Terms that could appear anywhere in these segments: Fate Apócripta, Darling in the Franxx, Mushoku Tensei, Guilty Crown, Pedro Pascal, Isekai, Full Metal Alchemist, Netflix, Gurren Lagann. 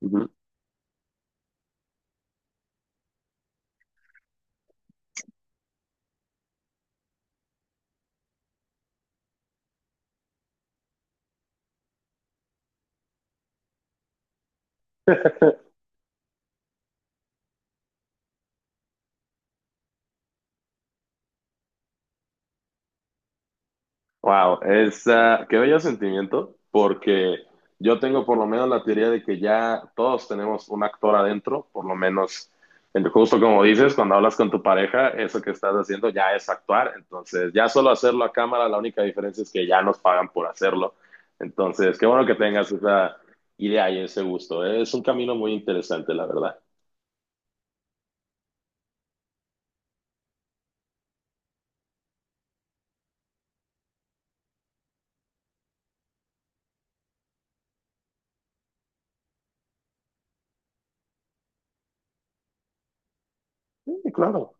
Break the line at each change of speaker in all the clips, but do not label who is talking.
Ujú. Wow, es, qué bello sentimiento, porque yo tengo por lo menos la teoría de que ya todos tenemos un actor adentro, por lo menos, justo como dices, cuando hablas con tu pareja, eso que estás haciendo ya es actuar, entonces ya solo hacerlo a cámara, la única diferencia es que ya nos pagan por hacerlo, entonces qué bueno que tengas esa idea y ese gusto, ¿eh? Es un camino muy interesante, la verdad. Sí, claro,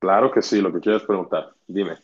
claro que sí, lo que quieres preguntar, dime.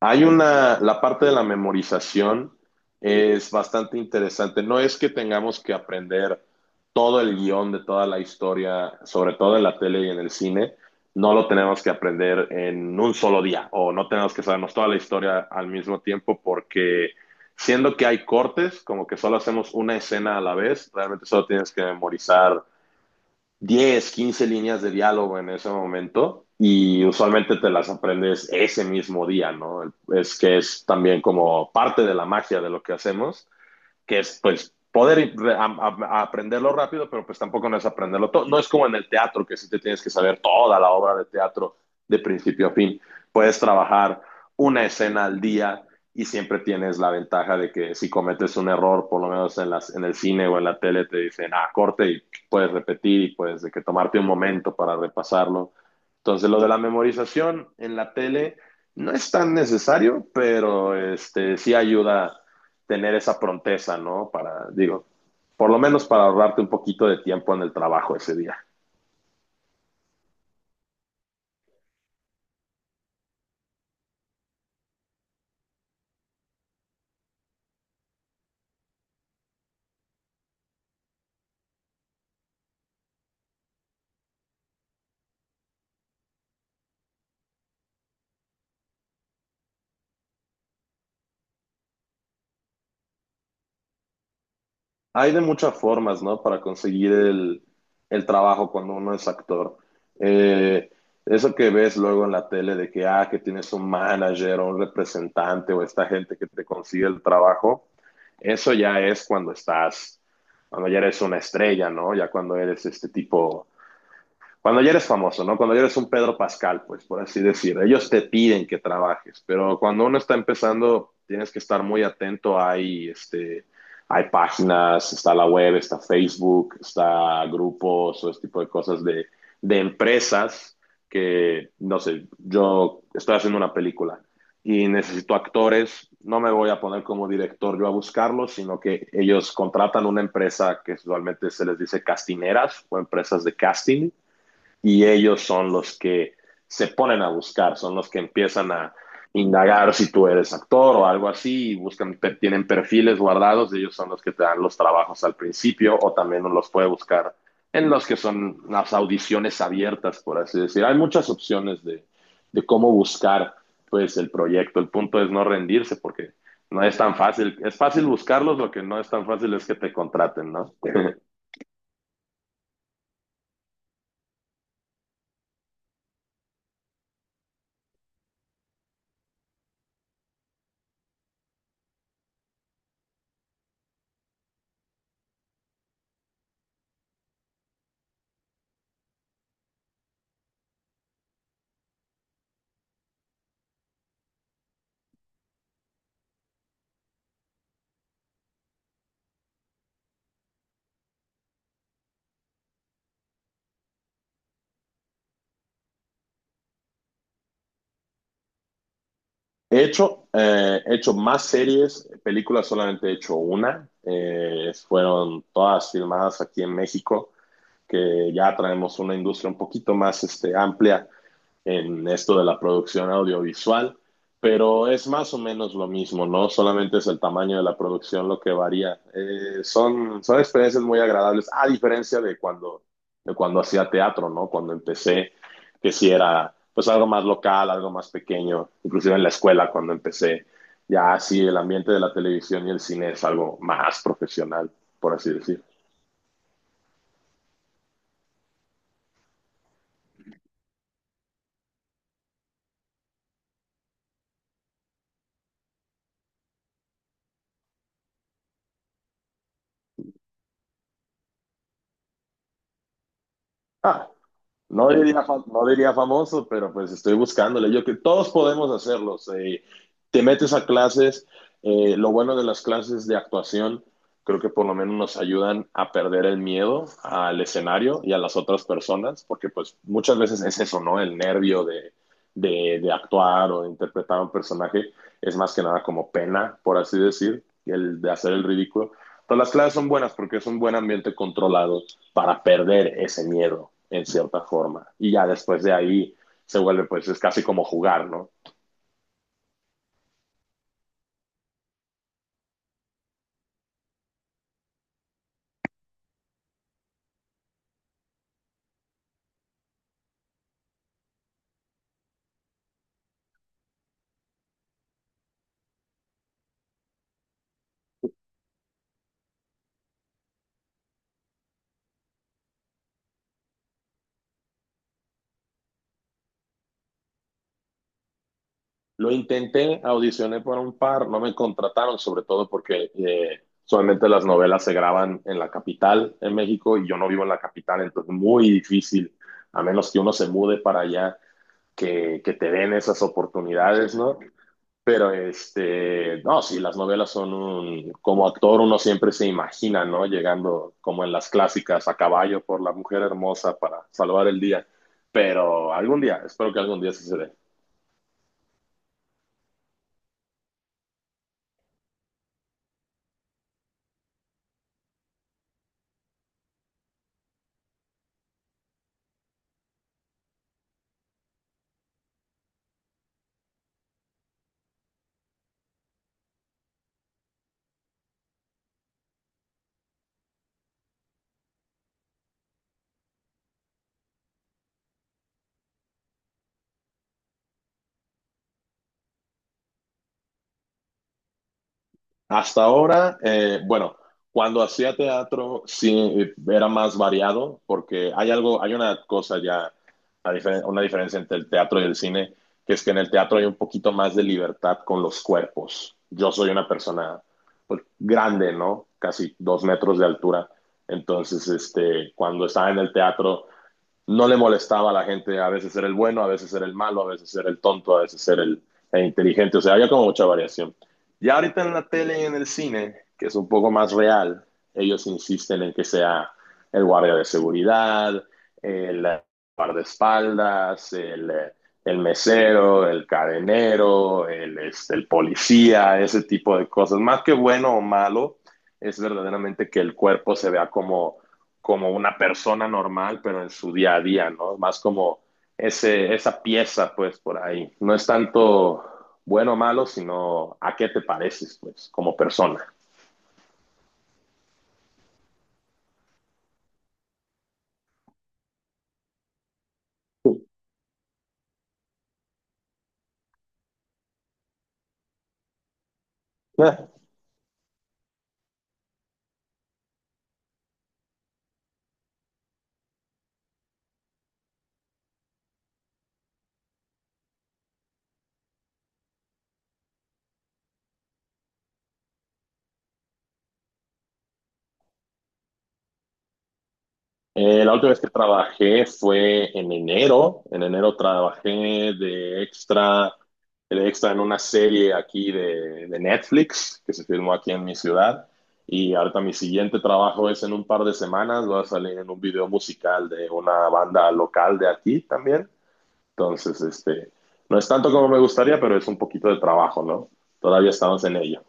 Hay una, la parte de la memorización es bastante interesante. No es que tengamos que aprender todo el guión de toda la historia, sobre todo en la tele y en el cine, no lo tenemos que aprender en un solo día o no tenemos que sabernos toda la historia al mismo tiempo porque siendo que hay cortes, como que solo hacemos una escena a la vez, realmente solo tienes que memorizar 10 15 líneas de diálogo en ese momento y usualmente te las aprendes ese mismo día, ¿no? Es que es también como parte de la magia de lo que hacemos que es pues poder a aprenderlo rápido, pero pues tampoco no es aprenderlo todo. No es como en el teatro, que sí te tienes que saber toda la obra de teatro de principio a fin. Puedes trabajar una escena al día y siempre tienes la ventaja de que si cometes un error, por lo menos en el cine o en la tele, te dicen, ah, corte y puedes repetir y puedes de que tomarte un momento para repasarlo. Entonces, lo de la memorización en la tele no es tan necesario, pero este, sí ayuda tener esa pronteza, ¿no? Para, digo, por lo menos para ahorrarte un poquito de tiempo en el trabajo ese día. Hay de muchas formas, ¿no? Para conseguir el trabajo cuando uno es actor. Eh, eso que ves luego en la tele de que, ah, que tienes un manager o un representante o esta gente que te consigue el trabajo, eso ya es cuando estás, cuando ya eres una estrella, ¿no? Ya cuando eres este tipo cuando ya eres famoso, ¿no? Cuando ya eres un Pedro Pascal, pues por así decir, ellos te piden que trabajes, pero cuando uno está empezando, tienes que estar muy atento. Hay, hay páginas, está la web, está Facebook, está grupos o este tipo de cosas de empresas que, no sé, yo estoy haciendo una película y necesito actores, no me voy a poner como director yo a buscarlos, sino que ellos contratan una empresa que usualmente se les dice castineras o empresas de casting y ellos son los que se ponen a buscar, son los que empiezan a indagar si tú eres actor o algo así, y buscan, tienen perfiles guardados, y ellos son los que te dan los trabajos al principio o también uno los puede buscar en los que son las audiciones abiertas, por así decir. Hay muchas opciones de cómo buscar pues el proyecto. El punto es no rendirse porque no es tan fácil. Es fácil buscarlos, lo que no es tan fácil es que te contraten, ¿no? He hecho más series, películas solamente he hecho una. Fueron todas filmadas aquí en México, que ya traemos una industria un poquito más este, amplia en esto de la producción audiovisual, pero es más o menos lo mismo, ¿no? Solamente es el tamaño de la producción lo que varía. Son, son experiencias muy agradables, a diferencia de cuando hacía teatro, ¿no? Cuando empecé, que si sí era pues algo más local, algo más pequeño, inclusive en la escuela cuando empecé, ya así el ambiente de la televisión y el cine es algo más profesional, por así decir. Ah, no diría, no diría famoso, pero pues estoy buscándole. Yo que todos podemos hacerlos. Te metes a clases. Lo bueno de las clases de actuación, creo que por lo menos nos ayudan a perder el miedo al escenario y a las otras personas, porque pues muchas veces es eso, ¿no? El nervio de actuar o de interpretar a un personaje es más que nada como pena, por así decir, el de hacer el ridículo. Entonces las clases son buenas porque es un buen ambiente controlado para perder ese miedo en cierta forma. Y ya después de ahí se vuelve, pues es casi como jugar, ¿no? Lo intenté, audicioné por un par, no me contrataron, sobre todo porque solamente las novelas se graban en la capital, en México, y yo no vivo en la capital, entonces muy difícil, a menos que uno se mude para allá, que te den esas oportunidades, ¿no? Pero este, no, sí, las novelas son un, como actor uno siempre se imagina, ¿no? Llegando como en las clásicas a caballo por la mujer hermosa para salvar el día. Pero algún día, espero que algún día sí se dé. Hasta ahora, bueno, cuando hacía teatro sí era más variado porque hay algo, hay una cosa ya, una, una diferencia entre el teatro y el cine, que es que en el teatro hay un poquito más de libertad con los cuerpos. Yo soy una persona pues, grande, ¿no? Casi 2 metros de altura. Entonces, este, cuando estaba en el teatro, no le molestaba a la gente a veces ser el bueno, a veces ser el malo, a veces ser el tonto, a veces ser el inteligente. O sea, había como mucha variación. Ya ahorita en la tele y en el cine, que es un poco más real, ellos insisten en que sea el guardia de seguridad, el guardaespaldas, el mesero, el cadenero, el, este, el policía, ese tipo de cosas. Más que bueno o malo, es verdaderamente que el cuerpo se vea como como una persona normal, pero en su día a día, ¿no? Más como ese, esa pieza, pues, por ahí. No es tanto bueno o malo, sino a qué te pareces, pues, como persona. La última vez que trabajé fue en enero. En enero trabajé de extra, de extra en una serie aquí de Netflix que se filmó aquí en mi ciudad. Y ahorita mi siguiente trabajo es en un par de semanas. Voy a salir en un video musical de una banda local de aquí también. Entonces, este, no es tanto como me gustaría, pero es un poquito de trabajo, ¿no? Todavía estamos en ello.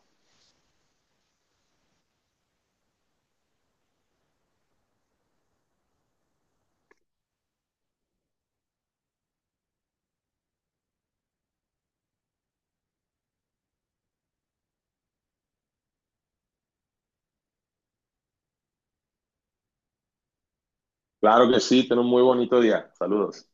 Claro que sí, ten un muy bonito día. Saludos.